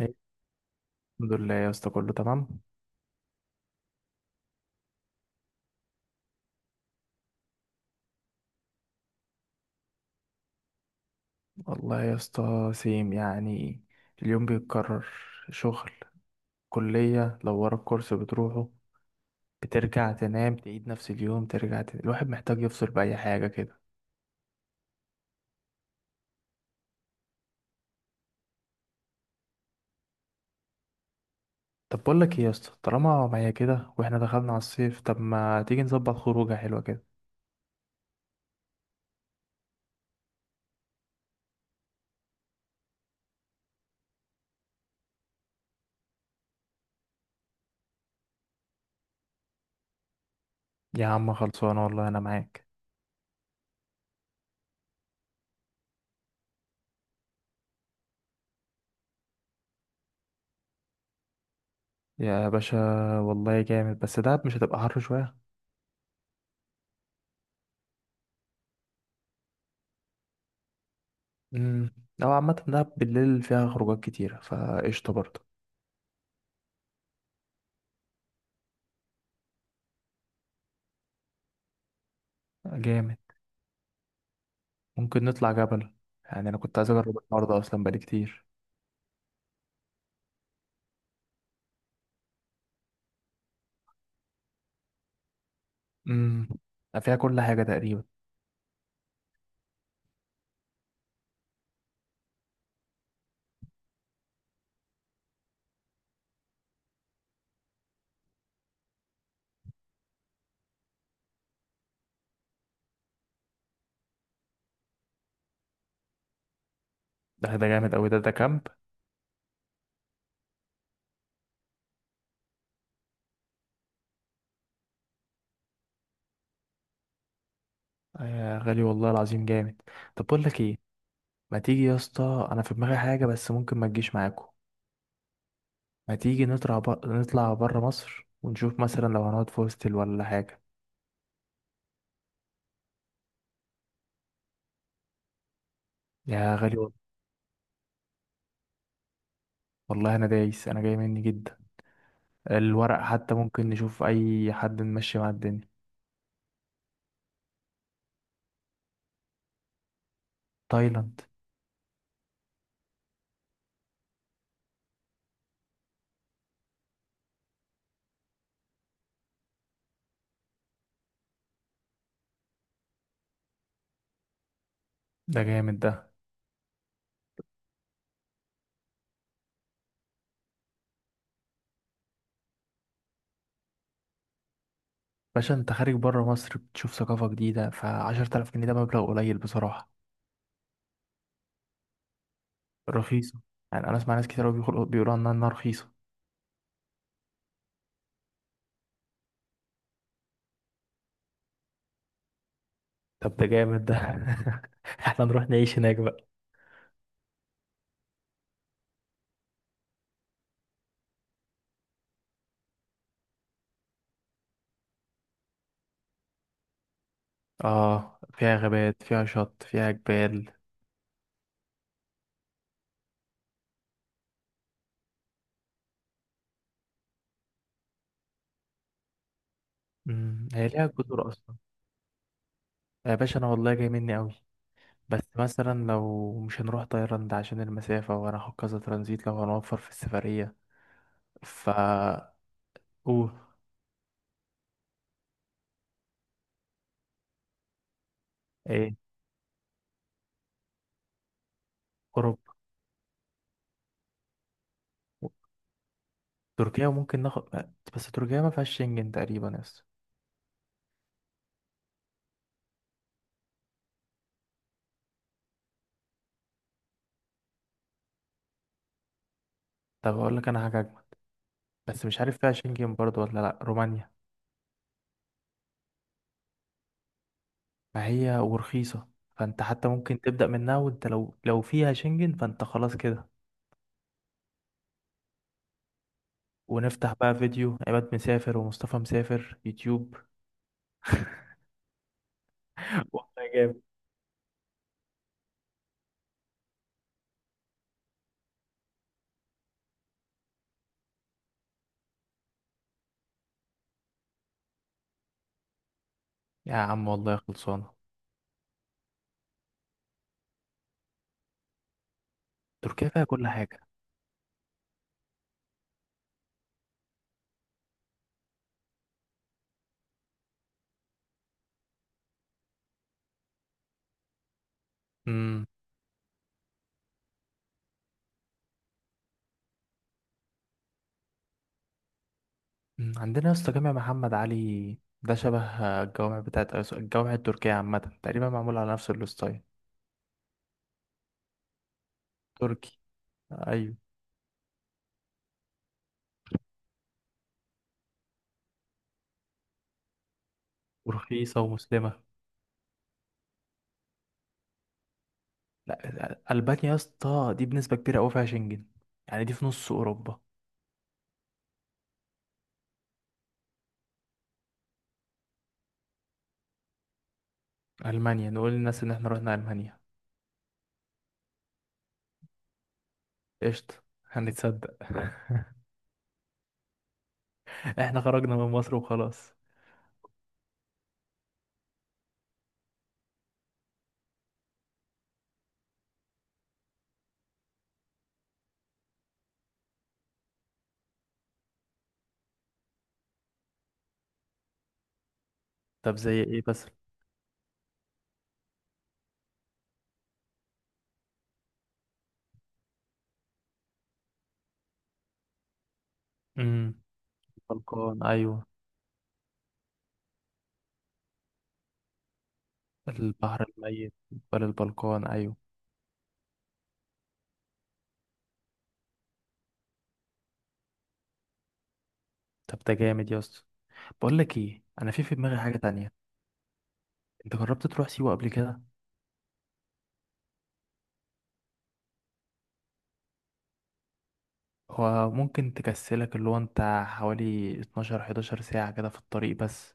إيه، الحمد لله يا اسطى كله تمام. والله يا اسطى سيم، يعني اليوم بيتكرر. شغل، كلية، لو ورا الكورس بتروحه بترجع تنام، تعيد نفس اليوم ترجع تنام. الواحد محتاج يفصل بأي حاجة كده. طب بقول لك ايه يا اسطى، طالما معايا كده واحنا دخلنا على الصيف، طب ما تيجي نظبط خروجة حلوة كده. يا عم خلصانة والله انا معاك. يا باشا والله جامد، بس دهب مش هتبقى حر شوية؟ امم، لو عامة دهب بالليل فيها خروجات كتيرة فقشطة برضه. جامد. ممكن نطلع جبل، يعني انا كنت عايز اجرب الحوار ده اصلا بقالي كتير. امم، فيها كل حاجه تقريبا. ده جامد قوي، ده كامب. يا غالي والله العظيم جامد. طب بقول لك ايه. ما تيجي يا اسطى، انا في دماغي حاجه بس ممكن ما تجيش معاكم. ما تيجي نطلع بره مصر ونشوف مثلا، لو هنقعد في هوستل ولا حاجه. يا غالي وال- والله انا دايس، انا جاي مني جدا. الورق حتى ممكن نشوف اي حد نمشي مع الدنيا. تايلاند. ده جامد ده. باشا انت خارج بره مصر بتشوف ثقافة جديدة، فعشرة آلاف جنيه ده مبلغ قليل بصراحة. رخيصة، يعني أنا أسمع ناس كتير أوي بيقولوا عنها إنها رخيصة. طب ده جامد ده. احنا نروح نعيش هناك بقى. اه، فيها غابات، فيها شط، فيها جبال. مم، هي ليها جزر أصلا؟ يا باشا أنا والله جاي مني أوي، بس مثلا لو مش هنروح تايلاند عشان المسافة وهناخد كذا ترانزيت لو هنوفر في السفرية. فا. أوه. إيه؟ أوروبا؟ تركيا ممكن ناخد. بس تركيا ما فيهاش شنجن تقريبا، يس. طب اقول لك انا حاجه اجمل. بس مش عارف فيها شنجن برضو ولا لا، رومانيا. فهي ورخيصه، فانت حتى ممكن تبدا منها. وانت لو فيها شنجن فانت خلاص كده. ونفتح بقى فيديو عماد مسافر ومصطفى مسافر يوتيوب. والله جامد. يا عم والله خلصانه. تركيا فيها كل حاجه. امم. أمم. عندنا يا اسطى جامع محمد علي ده شبه الجوامع بتاعت الجوامع التركيه، عامه تقريبا معمول على نفس الستايل. تركي. ايوه. ورخيصه ومسلمه. لا، ألبانيا يا اسطى دي بنسبة كبيرة أوي فيها شنجن، يعني دي في نص أوروبا. ألمانيا، نقول للناس إن إحنا رحنا ألمانيا. قشطة. هنتصدق. إحنا خرجنا من مصر وخلاص. طب زي إيه بس؟ امم. البلقان، أيوة. البحر الميت، جبال البلقان، أيوة. طب ده جامد يا اسطى. بقول لك إيه، أنا في دماغي حاجة تانية. أنت جربت تروح سيوة قبل كده؟ هو ممكن تكسلك، اللي هو أنت حوالي 12 11 ساعة كده في الطريق بس.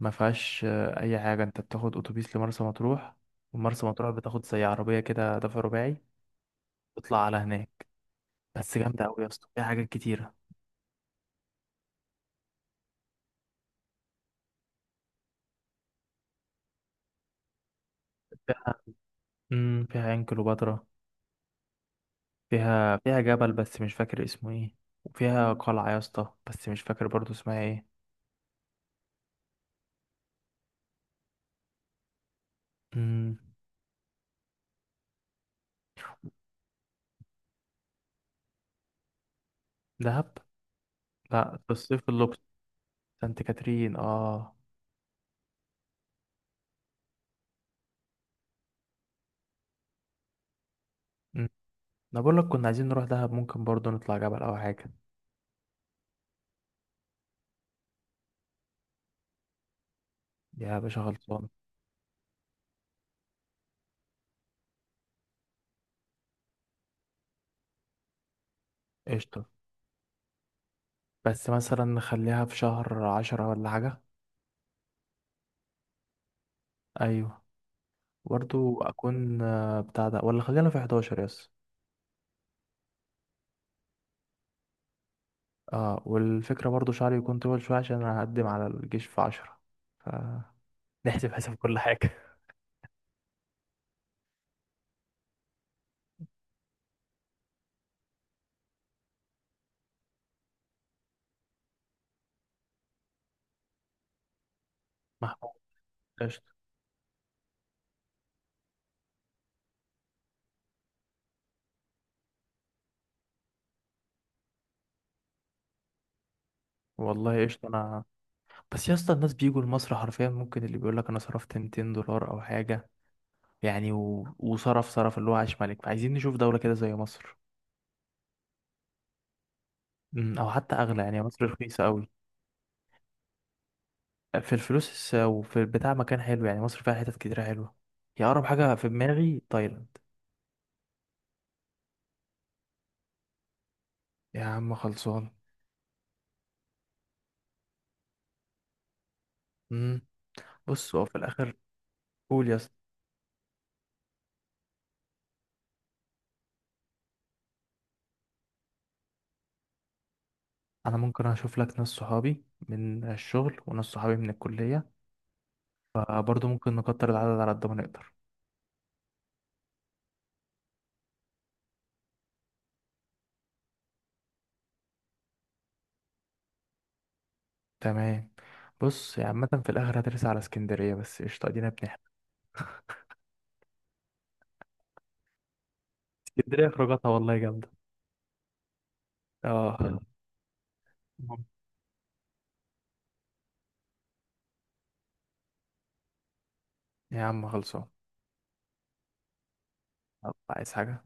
ما فيهاش اي حاجه، انت بتاخد اتوبيس لمرسى مطروح. ومرسى مطروح بتاخد زي عربيه كده دفع رباعي. تطلع على هناك. بس جامده قوي يا اسطى، فيها حاجات كتيره. فيها، امم، فيها عين كليوباترا. فيها، فيها جبل بس مش فاكر اسمه ايه. وفيها قلعه يا اسطى، بس مش فاكر برضو اسمها ايه. امم. دهب. لا، في الصيف اللوكس. سانت كاترين، اه. مم. انا بقول لك كنا عايزين نروح دهب، ممكن برضو نطلع جبل او حاجه. يا باشا خلصان. قشطه، بس مثلا نخليها في شهر عشرة ولا حاجه. ايوه. برضو اكون بتاع ده، ولا خلينا في 11، يس؟ اه، والفكرة برضو شعري يكون طويل شوية عشان انا هقدم على الجيش في 10. فنحسب حساب كل حاجة. محمود. قشطة. والله قشطة انا. بس يا اسطى الناس بيجوا لمصر حرفيا، ممكن اللي بيقول لك انا صرفت 200 دولار او حاجة يعني، وصرف اللي هو عاش ملك. فعايزين نشوف دولة كده زي مصر. أمم، او حتى اغلى. يعني مصر رخيصة قوي في الفلوس، وفي البتاع مكان حلو، يعني مصر فيها حتت كتيرة حلوة. هي اقرب حاجة في دماغي تايلاند. يا عم خلصان. امم. بص هو في الاخر. قول يا اسطى. انا ممكن اشوف لك ناس صحابي من الشغل وناس صحابي من الكليه، فبرضه ممكن نكتر العدد على قد ما نقدر. تمام. بص يا عامه في الاخر هترسى على اسكندريه، بس قشطه ادينا بنحكي. اسكندريه خروجاتها والله جامده. اه. مم. يا عم خلصان. طب عايز حاجه؟